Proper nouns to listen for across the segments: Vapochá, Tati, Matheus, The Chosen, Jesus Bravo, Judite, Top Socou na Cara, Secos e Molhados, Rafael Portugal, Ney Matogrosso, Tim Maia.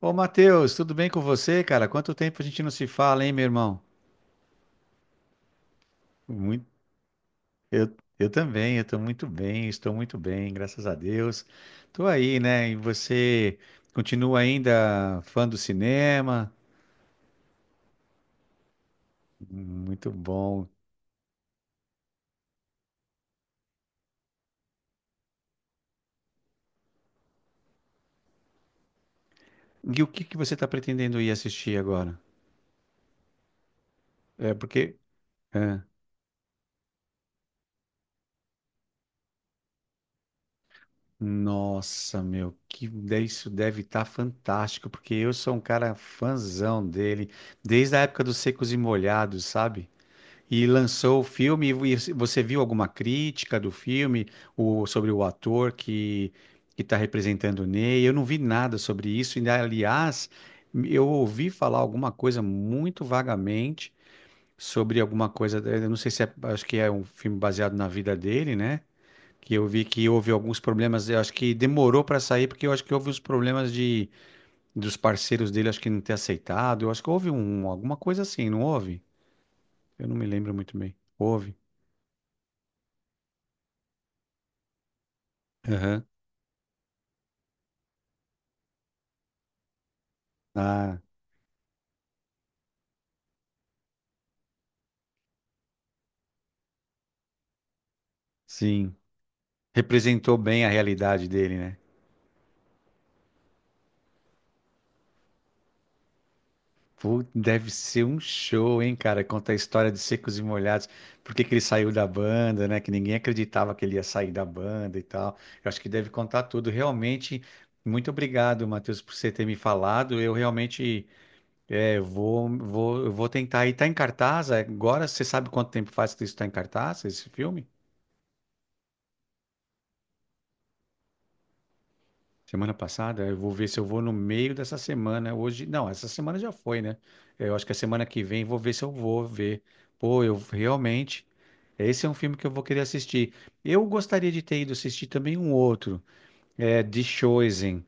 Ô, Matheus, tudo bem com você, cara? Quanto tempo a gente não se fala, hein, meu irmão? Muito, eu também, eu tô muito bem, estou muito bem, graças a Deus. Tô aí, né? E você continua ainda fã do cinema? Muito bom. E o que que você tá pretendendo ir assistir agora? É porque. é, Nossa, meu, isso deve estar fantástico, porque eu sou um cara fãzão dele, desde a época dos Secos e Molhados, sabe? E lançou o filme, e você viu alguma crítica do filme, sobre o ator que está representando o Ney? Eu não vi nada sobre isso, e aliás, eu ouvi falar alguma coisa muito vagamente sobre alguma coisa, eu não sei se é, acho que é um filme baseado na vida dele, né? Que eu vi que houve alguns problemas, eu acho que demorou para sair, porque eu acho que houve os problemas de dos parceiros dele, acho que não ter aceitado, eu acho que houve alguma coisa assim, não houve? Eu não me lembro muito bem. Houve. Aham. Ah, sim. Representou bem a realidade dele, né? Pô, deve ser um show, hein, cara? Conta a história de Secos e Molhados, por que que ele saiu da banda, né? Que ninguém acreditava que ele ia sair da banda e tal. Eu acho que deve contar tudo. Realmente, muito obrigado, Matheus, por você ter me falado. Eu realmente vou tentar. E tá em cartaz agora? Você sabe quanto tempo faz que isso tá em cartaz, esse filme? Semana passada, eu vou ver se eu vou no meio dessa semana. Hoje, não, essa semana já foi, né? Eu acho que a semana que vem vou ver se eu vou ver. Pô, eu realmente. Esse é um filme que eu vou querer assistir. Eu gostaria de ter ido assistir também um outro, é The Chosen.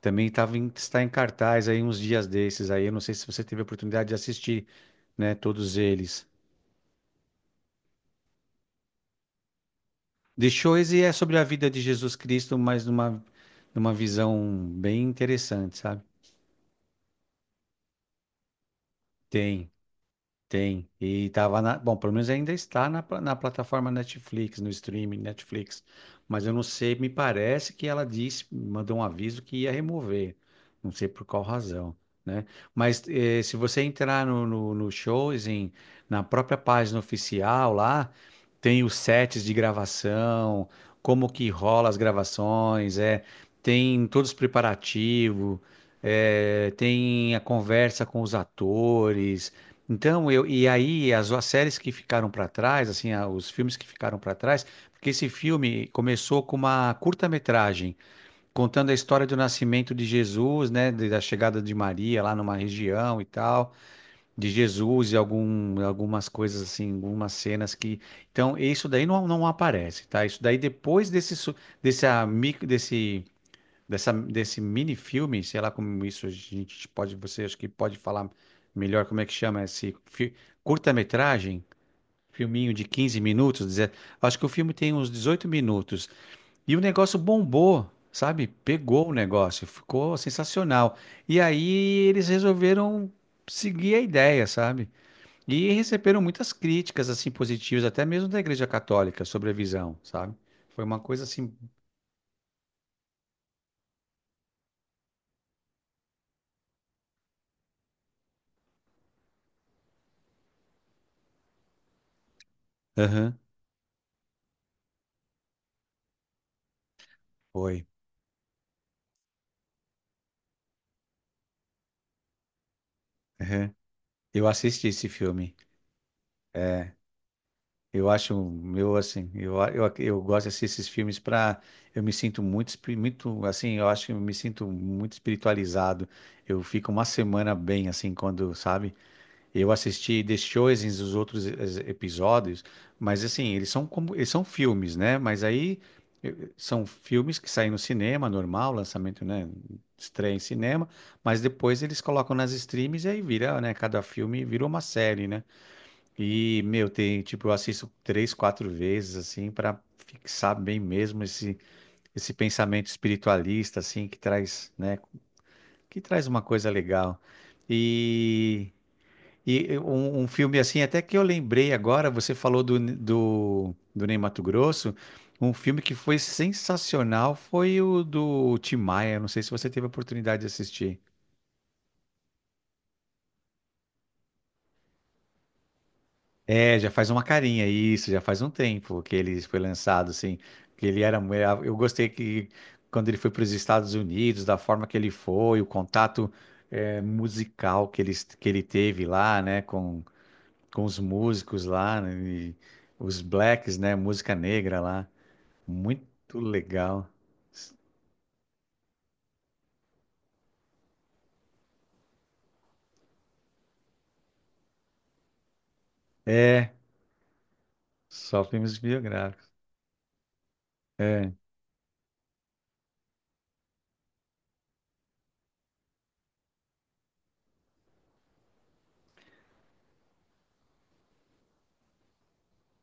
Também está em cartaz aí uns dias desses. Aí eu não sei se você teve a oportunidade de assistir, né? Todos eles. The Chosen é sobre a vida de Jesus Cristo, mas numa, visão bem interessante, sabe? Tem. Tem. E tava na. Bom, pelo menos ainda está na plataforma Netflix, no streaming Netflix. Mas eu não sei, me parece que ela disse, mandou um aviso que ia remover. Não sei por qual razão, né? Mas se você entrar no shows, na própria página oficial lá, tem os sets de gravação, como que rola as gravações, tem todos os preparativos, tem a conversa com os atores. Então, e aí as séries que ficaram para trás, assim, os filmes que ficaram para trás, porque esse filme começou com uma curta-metragem contando a história do nascimento de Jesus, né, da chegada de Maria lá numa região e tal, de Jesus e algumas coisas assim, algumas cenas que, então, isso daí não, não aparece, tá? Isso daí depois desse su- desse, amigo desse dessa, desse mini filme, sei lá como isso a gente pode, você acho que pode falar melhor como é que chama curta-metragem, filminho de 15 minutos, acho que o filme tem uns 18 minutos e o negócio bombou, sabe? Pegou o negócio, ficou sensacional. E aí eles resolveram seguir a ideia, sabe? E receberam muitas críticas assim positivas, até mesmo da Igreja Católica sobre a visão, sabe? Foi uma coisa assim, aham, foi. Aham. Eu assisti esse filme. É, eu acho meu assim, eu gosto de assistir esses filmes para eu me sinto muito assim, eu acho que eu me sinto muito espiritualizado. Eu fico uma semana bem assim quando, sabe? Eu assisti The Chosen, os outros episódios, mas assim, eles são como eles são filmes, né? Mas aí são filmes que saem no cinema normal, lançamento, né, estreia em cinema, mas depois eles colocam nas streams e aí vira, né, cada filme virou uma série, né? E, meu, tem, tipo, eu assisto três, quatro vezes, assim, para fixar bem mesmo esse pensamento espiritualista, assim, que traz, né, que traz uma coisa legal. E, e um filme, assim, até que eu lembrei agora, você falou do Ney Matogrosso, um filme que foi sensacional foi o do Tim Maia, não sei se você teve a oportunidade de assistir. É, já faz uma carinha, isso, já faz um tempo que ele foi lançado, assim, que ele era, eu gostei que quando ele foi para os Estados Unidos, da forma que ele foi, o contato musical que ele teve lá, né, com os músicos lá, né, e os blacks, né, música negra lá, muito legal. É, só filmes biográficos. É,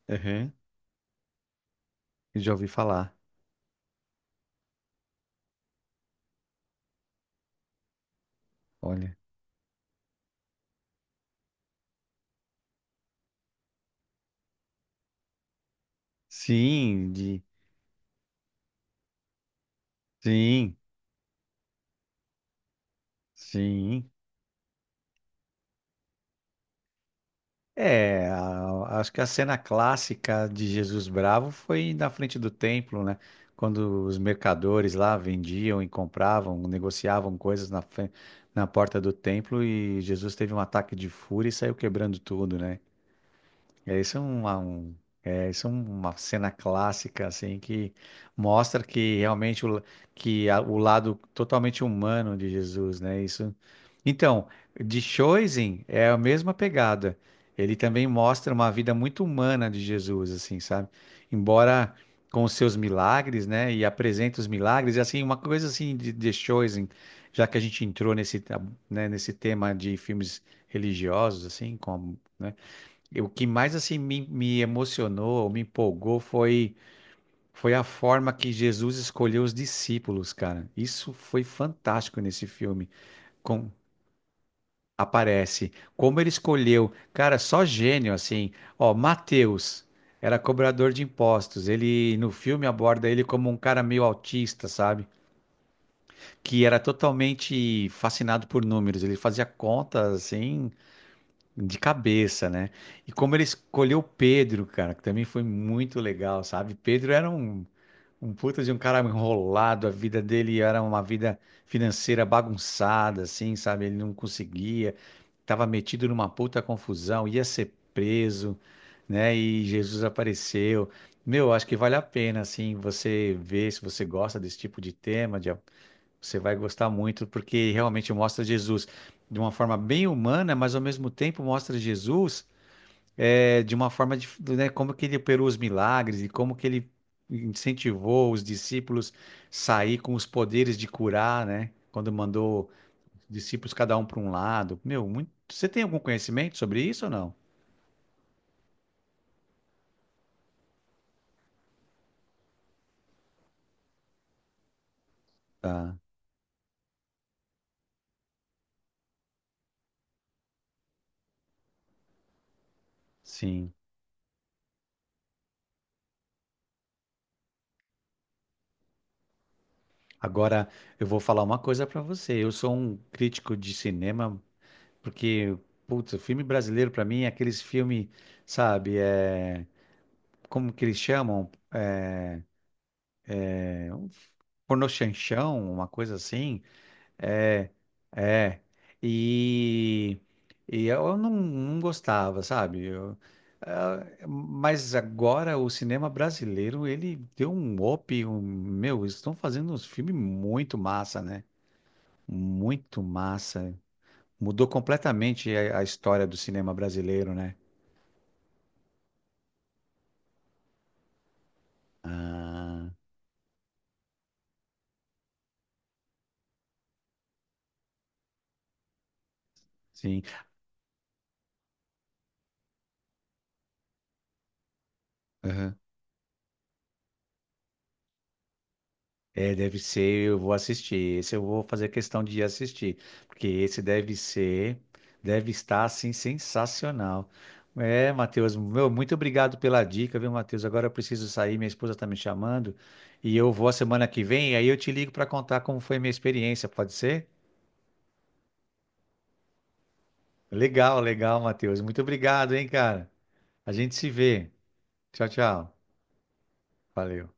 uhum, já ouvi falar, olha. Sim, sim, sim. É, acho que a cena clássica de Jesus Bravo foi na frente do templo, né? Quando os mercadores lá vendiam e compravam, negociavam coisas na porta do templo e Jesus teve um ataque de fúria e saiu quebrando tudo, né? É isso é uma, um, É isso é uma cena clássica assim que mostra que realmente que o lado totalmente humano de Jesus, né? Isso. Então, de Choisin é a mesma pegada. Ele também mostra uma vida muito humana de Jesus, assim, sabe? Embora com os seus milagres, né? E apresenta os milagres e assim uma coisa assim de Choisin, já que a gente entrou nesse, né, nesse tema de filmes religiosos, assim, como né? E o que mais assim me emocionou, me empolgou foi a forma que Jesus escolheu os discípulos, cara. Isso foi fantástico nesse filme. Com aparece como ele escolheu, cara, só gênio assim. Ó, Mateus era cobrador de impostos. Ele no filme aborda ele como um cara meio autista, sabe? Que era totalmente fascinado por números. Ele fazia contas assim de cabeça, né? E como ele escolheu Pedro, cara, que também foi muito legal, sabe? Pedro era um puta de um cara enrolado, a vida dele era uma vida financeira bagunçada, assim, sabe? Ele não conseguia, tava metido numa puta confusão, ia ser preso, né? E Jesus apareceu. Meu, acho que vale a pena, assim, você ver se você gosta desse tipo de tema, de você vai gostar muito, porque realmente mostra Jesus de uma forma bem humana, mas ao mesmo tempo mostra Jesus de uma forma de, né, como que ele operou os milagres e como que ele incentivou os discípulos sair com os poderes de curar, né? Quando mandou os discípulos cada um para um lado. Meu, você tem algum conhecimento sobre isso ou não? Tá, sim. Agora eu vou falar uma coisa para você. Eu sou um crítico de cinema porque, putz, o filme brasileiro pra mim é aqueles filmes, sabe, como que eles chamam? Pornochanchão, uma coisa assim. É, é. E, e eu não, não gostava, sabe? Ah, mas agora o cinema brasileiro, ele deu um up, meu, eles estão fazendo uns filmes muito massa, né? Muito massa. Mudou completamente a história do cinema brasileiro, né? Ah. Sim. Aham. É, deve ser, eu vou assistir. Esse eu vou fazer questão de assistir, porque esse deve ser, deve estar assim sensacional. É, Matheus, meu, muito obrigado pela dica, viu, Matheus? Agora eu preciso sair, minha esposa está me chamando, e eu vou a semana que vem, aí eu te ligo para contar como foi minha experiência, pode ser? Legal, legal, Matheus. Muito obrigado, hein, cara. A gente se vê. Tchau, tchau. Valeu.